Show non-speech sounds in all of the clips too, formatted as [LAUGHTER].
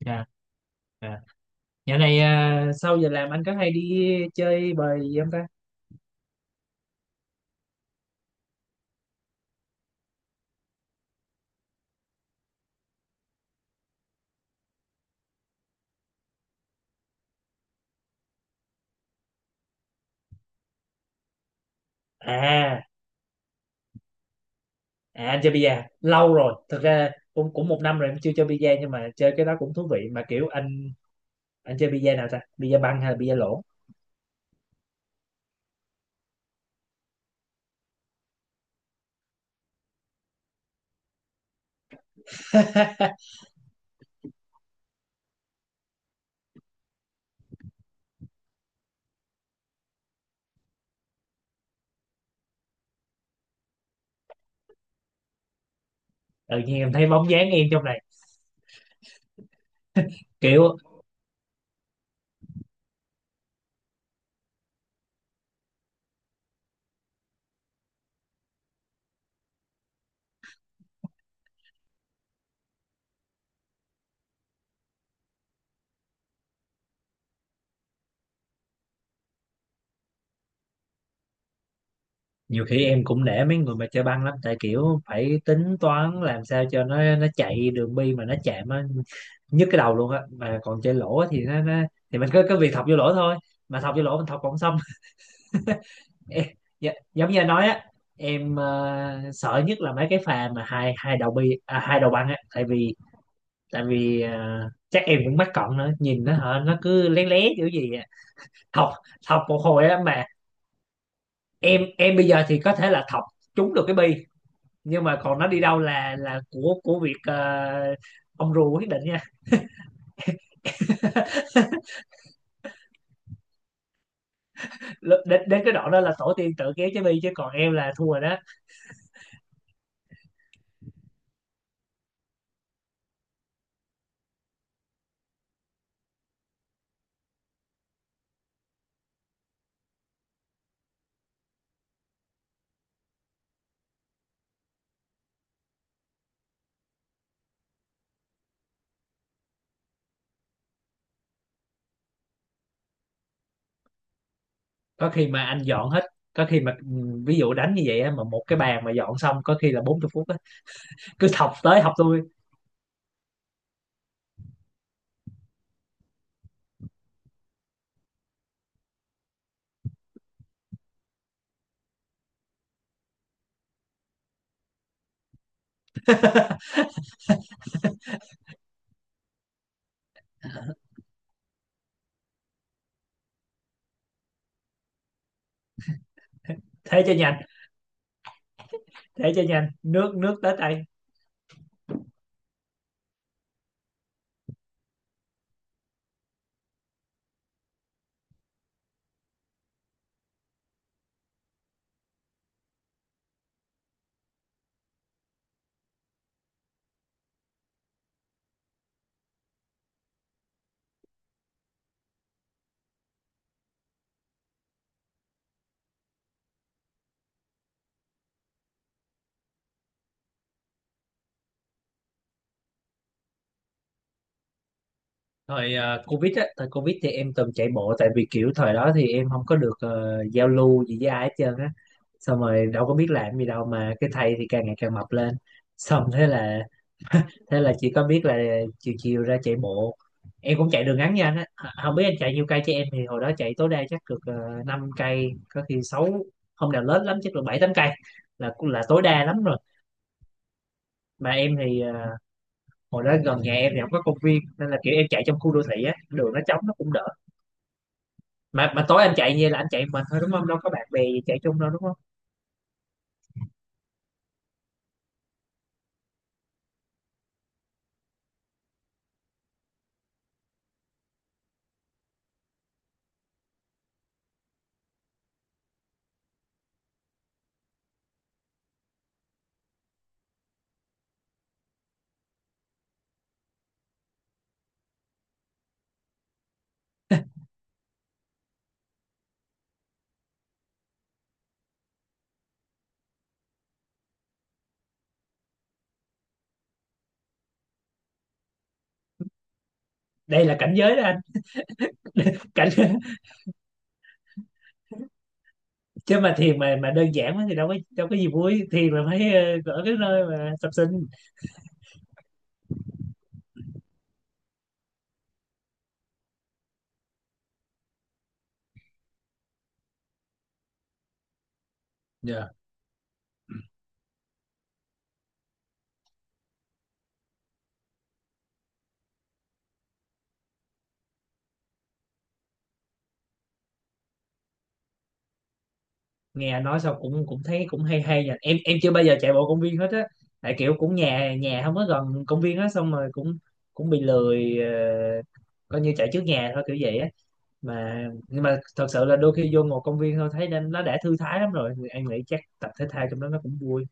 Dạ, dạ. Dạo này à, sau giờ làm anh có hay đi chơi bời gì không ta? À, à anh chơi bida lâu rồi. Thực ra cũng cũng một năm rồi em chưa chơi bida, nhưng mà chơi cái đó cũng thú vị mà. Kiểu anh chơi bida nào ta? Bida băng hay là bida lỗ? [LAUGHS] Tự nhiên em thấy bóng dáng em trong này. Kiểu nhiều khi em cũng nể mấy người mà chơi băng lắm, tại kiểu phải tính toán làm sao cho nó chạy đường bi mà nó chạm á, nhức cái đầu luôn á. Mà còn chơi lỗ thì nó thì mình cứ cứ việc thọc vô lỗ thôi, mà thọc vô lỗ mình thọc không xong. Ê, giống như anh nói á, em sợ nhất là mấy cái pha mà hai hai đầu bi à, hai đầu băng á, tại vì chắc em cũng mắc cận nữa, nhìn nó hả nó cứ lé lé kiểu gì á. Thọc thọc một hồi á, mà em bây giờ thì có thể là thọc trúng được cái bi, nhưng mà còn nó đi đâu là của việc ông rùa quyết định nha. [LAUGHS] Đến đến cái đoạn đó là tổ tiên tự kéo trái bi, chứ còn em là thua rồi đó. Có khi mà anh dọn hết, có khi mà ví dụ đánh như vậy á, mà một cái bàn mà dọn xong có khi là 40 phút, cứ thọc tới thọc lui. Thế cho nhanh thế cho nhanh nước nước tới tay. Thời covid á, thời covid thì em từng chạy bộ, tại vì kiểu thời đó thì em không có được giao lưu gì với ai hết trơn á, xong rồi đâu có biết làm gì đâu, mà cái thầy thì càng ngày càng mập lên. Xong thế là chỉ có biết là chiều chiều ra chạy bộ. Em cũng chạy đường ngắn nha anh á, không biết anh chạy nhiêu cây chứ em thì hồi đó chạy tối đa chắc được 5 cây, có khi sáu, không nào lớn lắm chắc được 7 8 cây là cũng là tối đa lắm rồi. Mà em thì hồi đó gần nhà em thì không có công viên, nên là kiểu em chạy trong khu đô thị á, đường nó trống nó cũng đỡ. Mà tối anh chạy như là anh chạy mình thôi đúng không, đâu có bạn bè gì chạy chung đâu đúng không? Đây là cảnh giới đó anh. [LAUGHS] cảnh [LAUGHS] Chứ mà thiền mà đơn giản quá thì đâu có gì vui, thiền là phải ở cái nơi mà tập sinh. Dạ. Nghe anh nói xong cũng cũng thấy cũng hay hay nha, em chưa bao giờ chạy bộ công viên hết á, tại kiểu cũng nhà nhà không có gần công viên á, xong rồi cũng cũng bị lười coi như chạy trước nhà thôi kiểu vậy á mà. Nhưng mà thật sự là đôi khi vô ngồi công viên thôi thấy nên nó đã thư thái lắm rồi. Thì em nghĩ chắc tập thể thao trong đó nó cũng vui.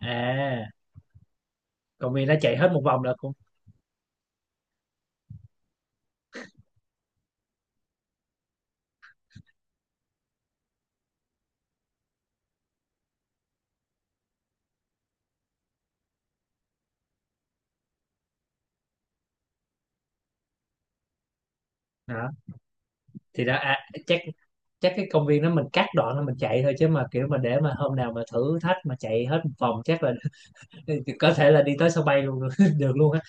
À công viên nó chạy hết một vòng là cũng, đó thì đó à, chắc chắc cái công viên đó mình cắt đoạn đó mình chạy thôi, chứ mà kiểu mà để mà hôm nào mà thử thách mà chạy hết một vòng chắc là [LAUGHS] có thể là đi tới sân bay luôn [LAUGHS] được luôn á.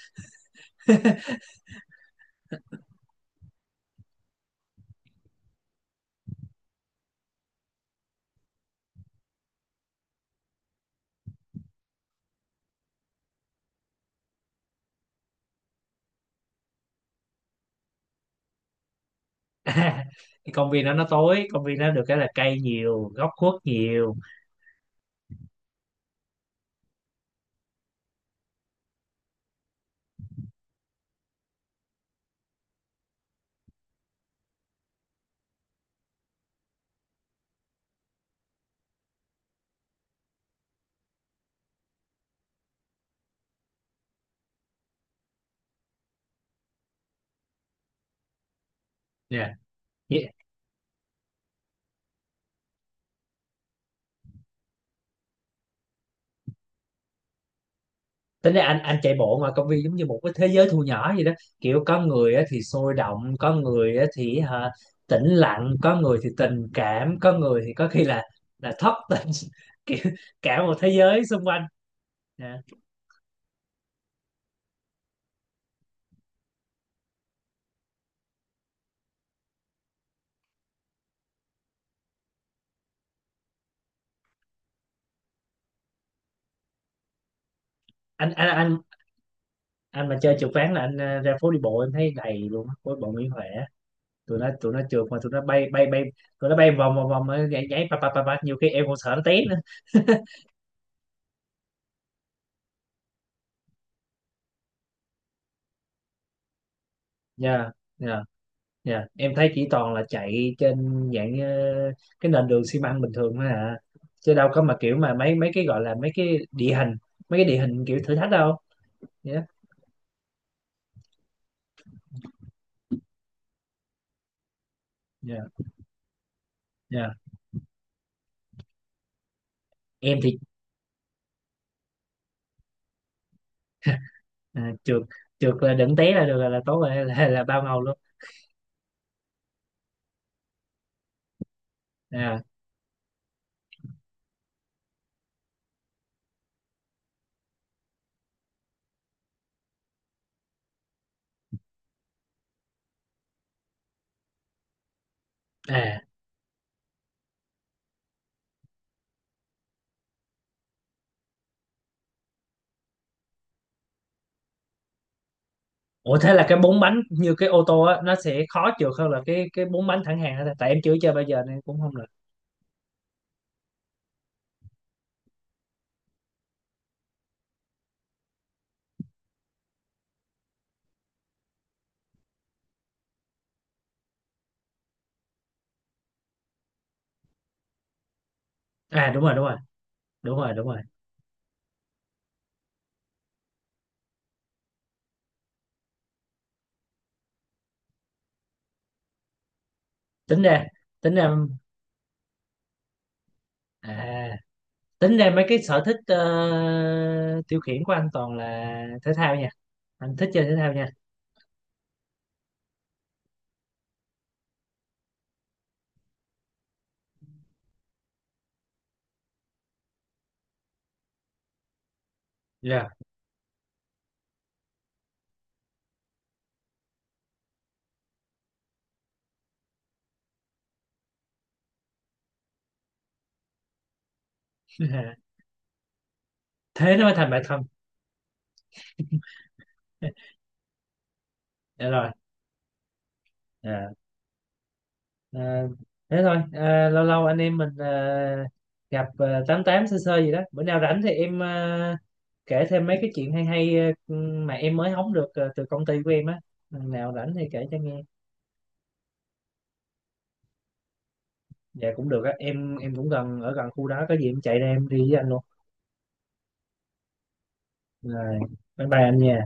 À, cái công viên đó nó tối, công viên đó được cái là cây nhiều góc khuất nhiều. Dạ, tính ra anh chạy bộ ngoài công viên giống như một cái thế giới thu nhỏ vậy đó, kiểu có người á thì sôi động, có người á thì hả, tĩnh lặng, có người thì tình cảm, có người thì có khi là thất tình. [LAUGHS] Kiểu cả một thế giới xung quanh. Dạ. anh anh anh anh mà chơi trượt ván là anh ra phố đi bộ em thấy đầy luôn á, phố đi bộ Nguyễn Huệ á. Tụi nó trượt mà tụi nó bay bay bay, tụi nó bay vòng vòng vòng nhảy nhảy pa pa pa pa, nhiều khi em còn sợ nó té nữa. [LAUGHS] nha. Dạ, em thấy chỉ toàn là chạy trên dạng cái nền đường xi măng bình thường thôi à. Chứ đâu có mà kiểu mà mấy mấy cái gọi là mấy cái địa hình, mấy cái địa hình kiểu thử thách đâu. Dạ, dạ, dạ. Em thì à, trượt trượt là đừng té là được, là tốt rồi, [LAUGHS] là bao ngầu luôn. À, à. Ủa thế là cái bốn bánh như cái ô tô á nó sẽ khó trượt hơn là cái bốn bánh thẳng hàng hả ta? Tại em chưa chơi bao giờ nên cũng không được. À đúng rồi, đúng rồi. Đúng rồi, đúng rồi. Tính ra tính ra à tính ra mấy cái sở thích tiêu khiển của anh toàn là thể thao nha, anh thích chơi thể thao nha. Dạ. [LAUGHS] Thế nó mới thành bạn thân. Dạ rồi. Dạ. Ờ, thế thôi. Ờ, lâu lâu anh em mình gặp tám tám sơ sơ gì đó, bữa nào rảnh thì em kể thêm mấy cái chuyện hay hay mà em mới hóng được từ công ty của em á. Lần nào rảnh thì kể cho nghe. Dạ cũng được á, em cũng gần ở gần khu đó, có gì em chạy ra em đi với anh luôn. Rồi bye bye anh nha.